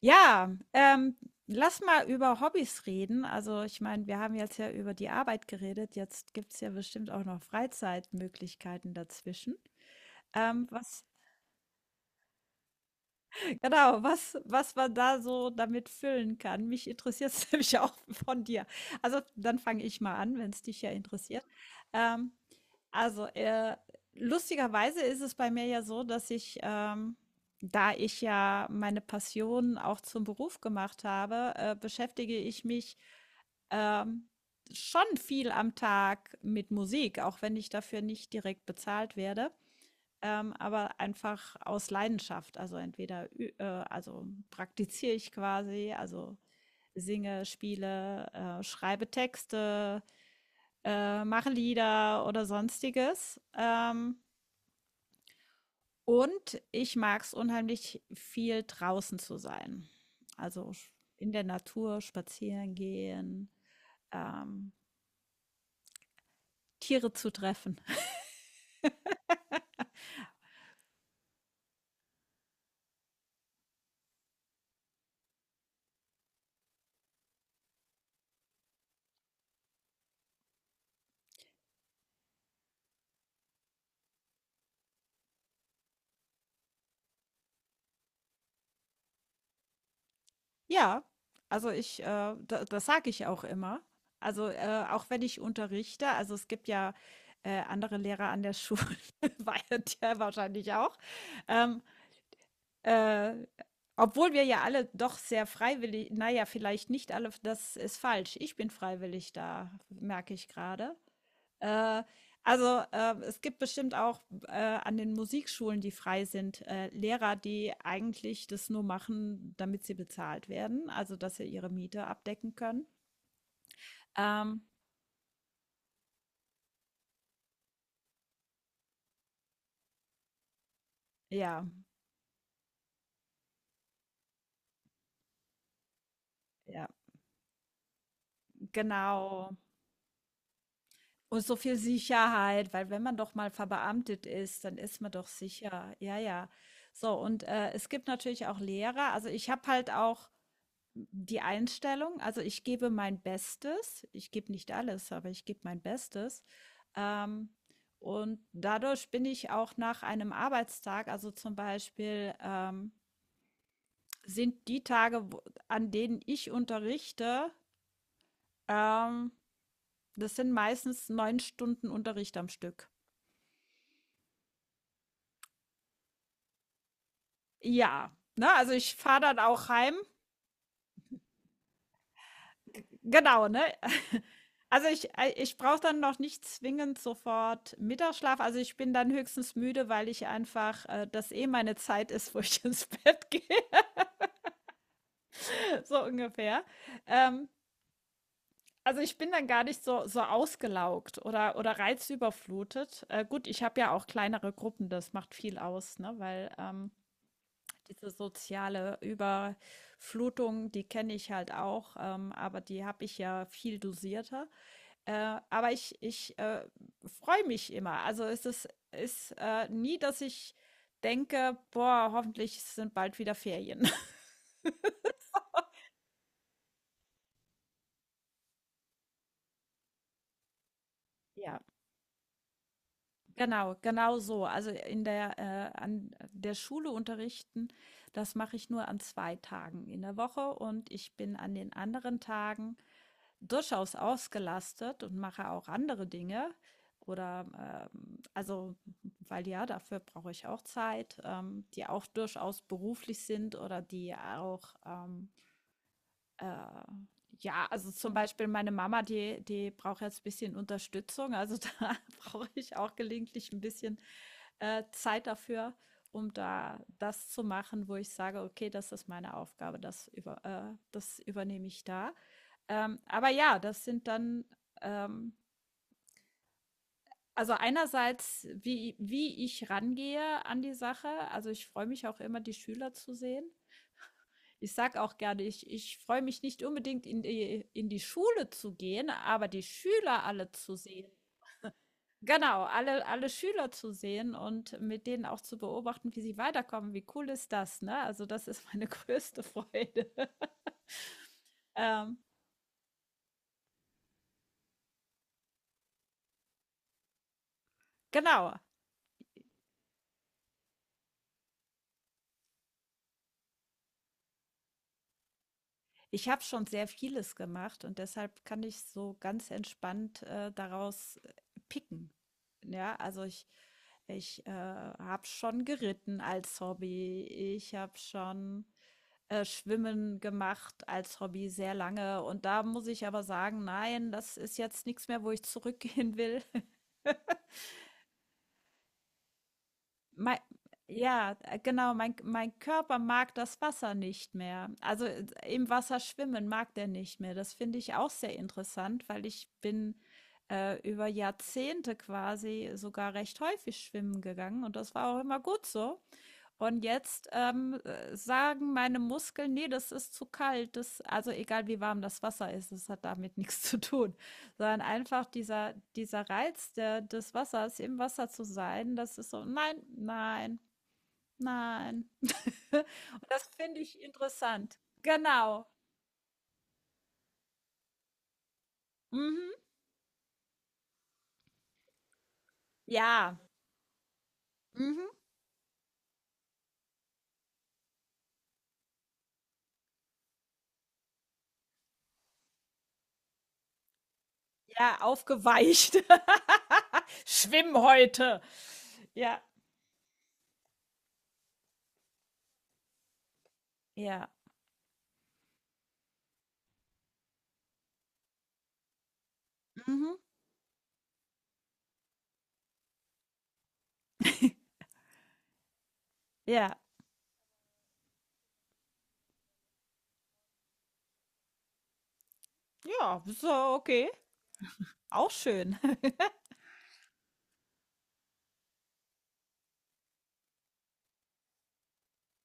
Ja, lass mal über Hobbys reden. Also, ich meine, wir haben jetzt ja über die Arbeit geredet. Jetzt gibt es ja bestimmt auch noch Freizeitmöglichkeiten dazwischen. Ähm, was, genau, was man da so damit füllen kann. Mich interessiert es nämlich auch von dir. Also, dann fange ich mal an, wenn es dich ja interessiert. Ähm, Also, lustigerweise ist es bei mir ja so, dass ich, da ich ja meine Passion auch zum Beruf gemacht habe, beschäftige ich mich ähm, schon viel am Tag mit Musik, auch wenn ich dafür nicht direkt bezahlt werde, aber einfach aus Leidenschaft. Also entweder, also praktiziere ich quasi, also singe, spiele, schreibe Texte, mache Lieder oder sonstiges. Und ich mag es unheimlich viel draußen zu sein. Also in der Natur spazieren gehen, ähm, Tiere zu treffen. Ja, also ich, da, das sage ich auch immer. Also auch wenn ich unterrichte, also es gibt ja andere Lehrer an der Schule, war ja der wahrscheinlich auch. Ähm, Äh, Obwohl wir ja alle doch sehr freiwillig, naja, vielleicht nicht alle, das ist falsch. Ich bin freiwillig da, merke ich gerade. Äh, also es gibt bestimmt auch an den Musikschulen, die frei sind, Lehrer, die eigentlich das nur machen, damit sie bezahlt werden, also dass sie ihre Miete abdecken können. Ähm, ja, ja, genau. Und so viel Sicherheit, weil wenn man doch mal verbeamtet ist, dann ist man doch sicher. Ja, ja. So, und es gibt natürlich auch Lehrer. Also ich habe halt auch die Einstellung, also ich gebe mein Bestes. Ich gebe nicht alles, aber ich gebe mein Bestes. Ähm, und dadurch bin ich auch nach einem Arbeitstag, also zum Beispiel sind die Tage, an denen ich unterrichte, ähm, das sind meistens 9 Stunden Unterricht am Stück. Ja, ne, also ich fahre dann auch heim. Genau, ne? Also ich brauche dann noch nicht zwingend sofort Mittagsschlaf. Also, ich bin dann höchstens müde, weil ich einfach, das eh meine Zeit ist, wo ich ins Bett gehe, so ungefähr. Ähm, also, ich bin dann gar nicht so ausgelaugt oder reizüberflutet. Gut, ich habe ja auch kleinere Gruppen, das macht viel aus, ne, weil, diese soziale Überflutung, die kenne ich halt auch, aber die habe ich ja viel dosierter. Aber ich freue mich immer. Also es ist nie, dass ich denke, boah, hoffentlich sind bald wieder Ferien. Ja, genau, genau so. Also an der Schule unterrichten, das mache ich nur an 2 Tagen in der Woche und ich bin an den anderen Tagen durchaus ausgelastet und mache auch andere Dinge. Oder also, weil ja, dafür brauche ich auch Zeit, die auch durchaus beruflich sind oder die auch äh, ja, also zum Beispiel meine Mama, die braucht jetzt ein bisschen Unterstützung. Also da brauche ich auch gelegentlich ein bisschen Zeit dafür, um da das zu machen, wo ich sage, okay, das ist meine Aufgabe, das übernehme ich da. Aber ja, das sind dann, ähm also einerseits, wie ich rangehe an die Sache. Also, ich freue mich auch immer, die Schüler zu sehen. Ich sage auch gerne, ich freue mich nicht unbedingt, in die Schule zu gehen, aber die Schüler alle zu sehen. Genau, alle Schüler zu sehen und mit denen auch zu beobachten, wie sie weiterkommen. Wie cool ist das, ne? Also, das ist meine größte Freude. Ähm, genau, ich habe schon sehr vieles gemacht und deshalb kann ich so ganz entspannt daraus picken. Ja, also ich habe schon geritten als Hobby. Ich habe schon Schwimmen gemacht als Hobby sehr lange. Und da muss ich aber sagen, nein, das ist jetzt nichts mehr, wo ich zurückgehen will. Mei ja, genau, mein Körper mag das Wasser nicht mehr. Also, im Wasser schwimmen mag der nicht mehr. Das finde ich auch sehr interessant, weil ich bin, über Jahrzehnte quasi sogar recht häufig schwimmen gegangen und das war auch immer gut so. Und jetzt sagen meine Muskeln, nee, das ist zu kalt. Das, also egal wie warm das Wasser ist, das hat damit nichts zu tun. Sondern einfach dieser Reiz des Wassers, im Wasser zu sein, das ist so, nein, nein, nein. Und das finde ich interessant. Genau. Mhm. Ja. Mhm. Ja, aufgeweicht. Schwimm heute. Ja. Ja. Mhm. Ja. Ja, so, okay. Auch schön.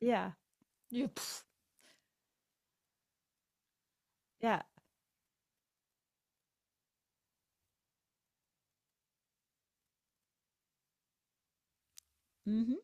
Ja. Ja, pf. Ja, mhm.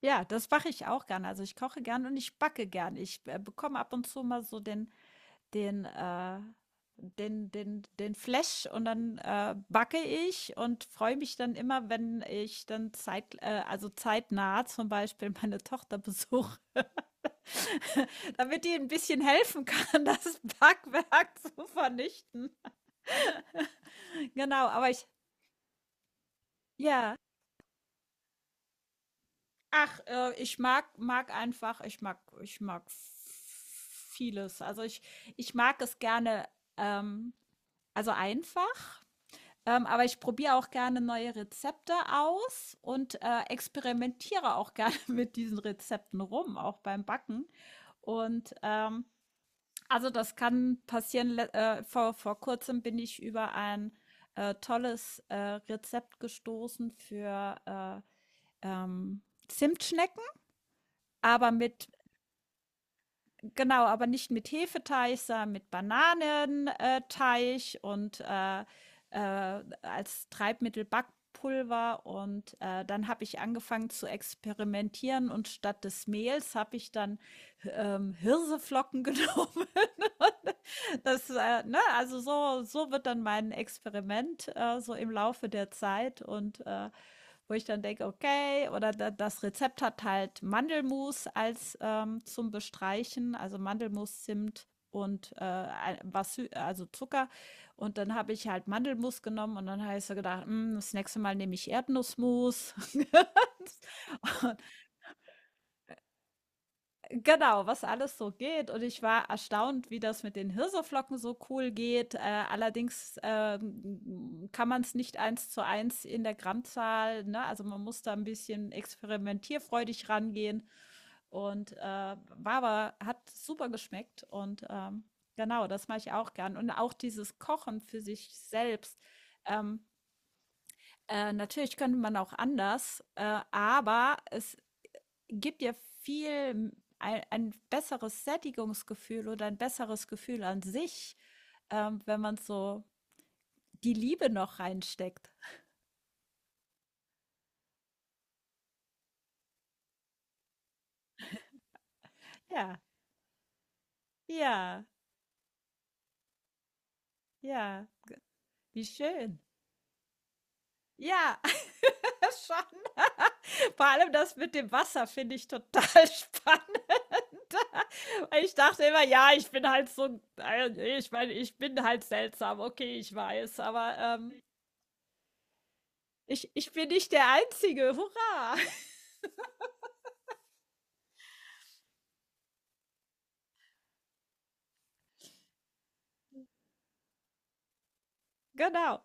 Ja, das mache ich auch gerne. Also, ich koche gern und ich backe gern. Ich, bekomme ab und zu mal so den, äh den Flash und dann, backe ich und freue mich dann immer, wenn ich dann zeit also, zeitnah zum Beispiel meine Tochter besuche, damit die ein bisschen helfen kann, das Backwerk zu vernichten. Genau, aber ich ja. Ach, ich mag einfach ich mag vieles. Also, ich mag es gerne, ähm, also, einfach, aber ich probiere auch gerne neue Rezepte aus und, experimentiere auch gerne mit diesen Rezepten rum, auch beim Backen. Und, also, das kann passieren. Le vor Kurzem bin ich über ein, tolles, Rezept gestoßen für, ähm, Zimtschnecken, aber mit Genau, aber nicht mit Hefeteig, sondern mit Bananenteig und als Treibmittel Backpulver. Und dann habe ich angefangen zu experimentieren und statt des Mehls habe ich dann Hirseflocken genommen. Das, ne, also so wird dann mein Experiment so im Laufe der Zeit und wo ich dann denke, okay, oder da, das Rezept hat halt Mandelmus als zum Bestreichen, also Mandelmus, Zimt und was, also Zucker. Und dann habe ich halt Mandelmus genommen und dann habe ich so gedacht, "Mm, das nächste Mal nehme ich Erdnussmus." Genau, was alles so geht. Und ich war erstaunt, wie das mit den Hirseflocken so cool geht. Allerdings kann man es nicht eins zu eins in der Grammzahl, ne? Also man muss da ein bisschen experimentierfreudig rangehen. Und war aber, hat super geschmeckt. Und genau, das mache ich auch gern. Und auch dieses Kochen für sich selbst. Ähm, natürlich könnte man auch anders, aber es gibt ja viel ein besseres Sättigungsgefühl oder ein besseres Gefühl an sich, wenn man so die Liebe noch reinsteckt. Ja, ja, ja, wie schön. Ja, schon. Vor allem das mit dem Wasser finde ich total spannend. Weil ich dachte immer, ja, ich bin halt so, nee, ich meine, ich bin halt seltsam, okay, ich weiß, aber ich bin nicht der Einzige. Hurra! Genau.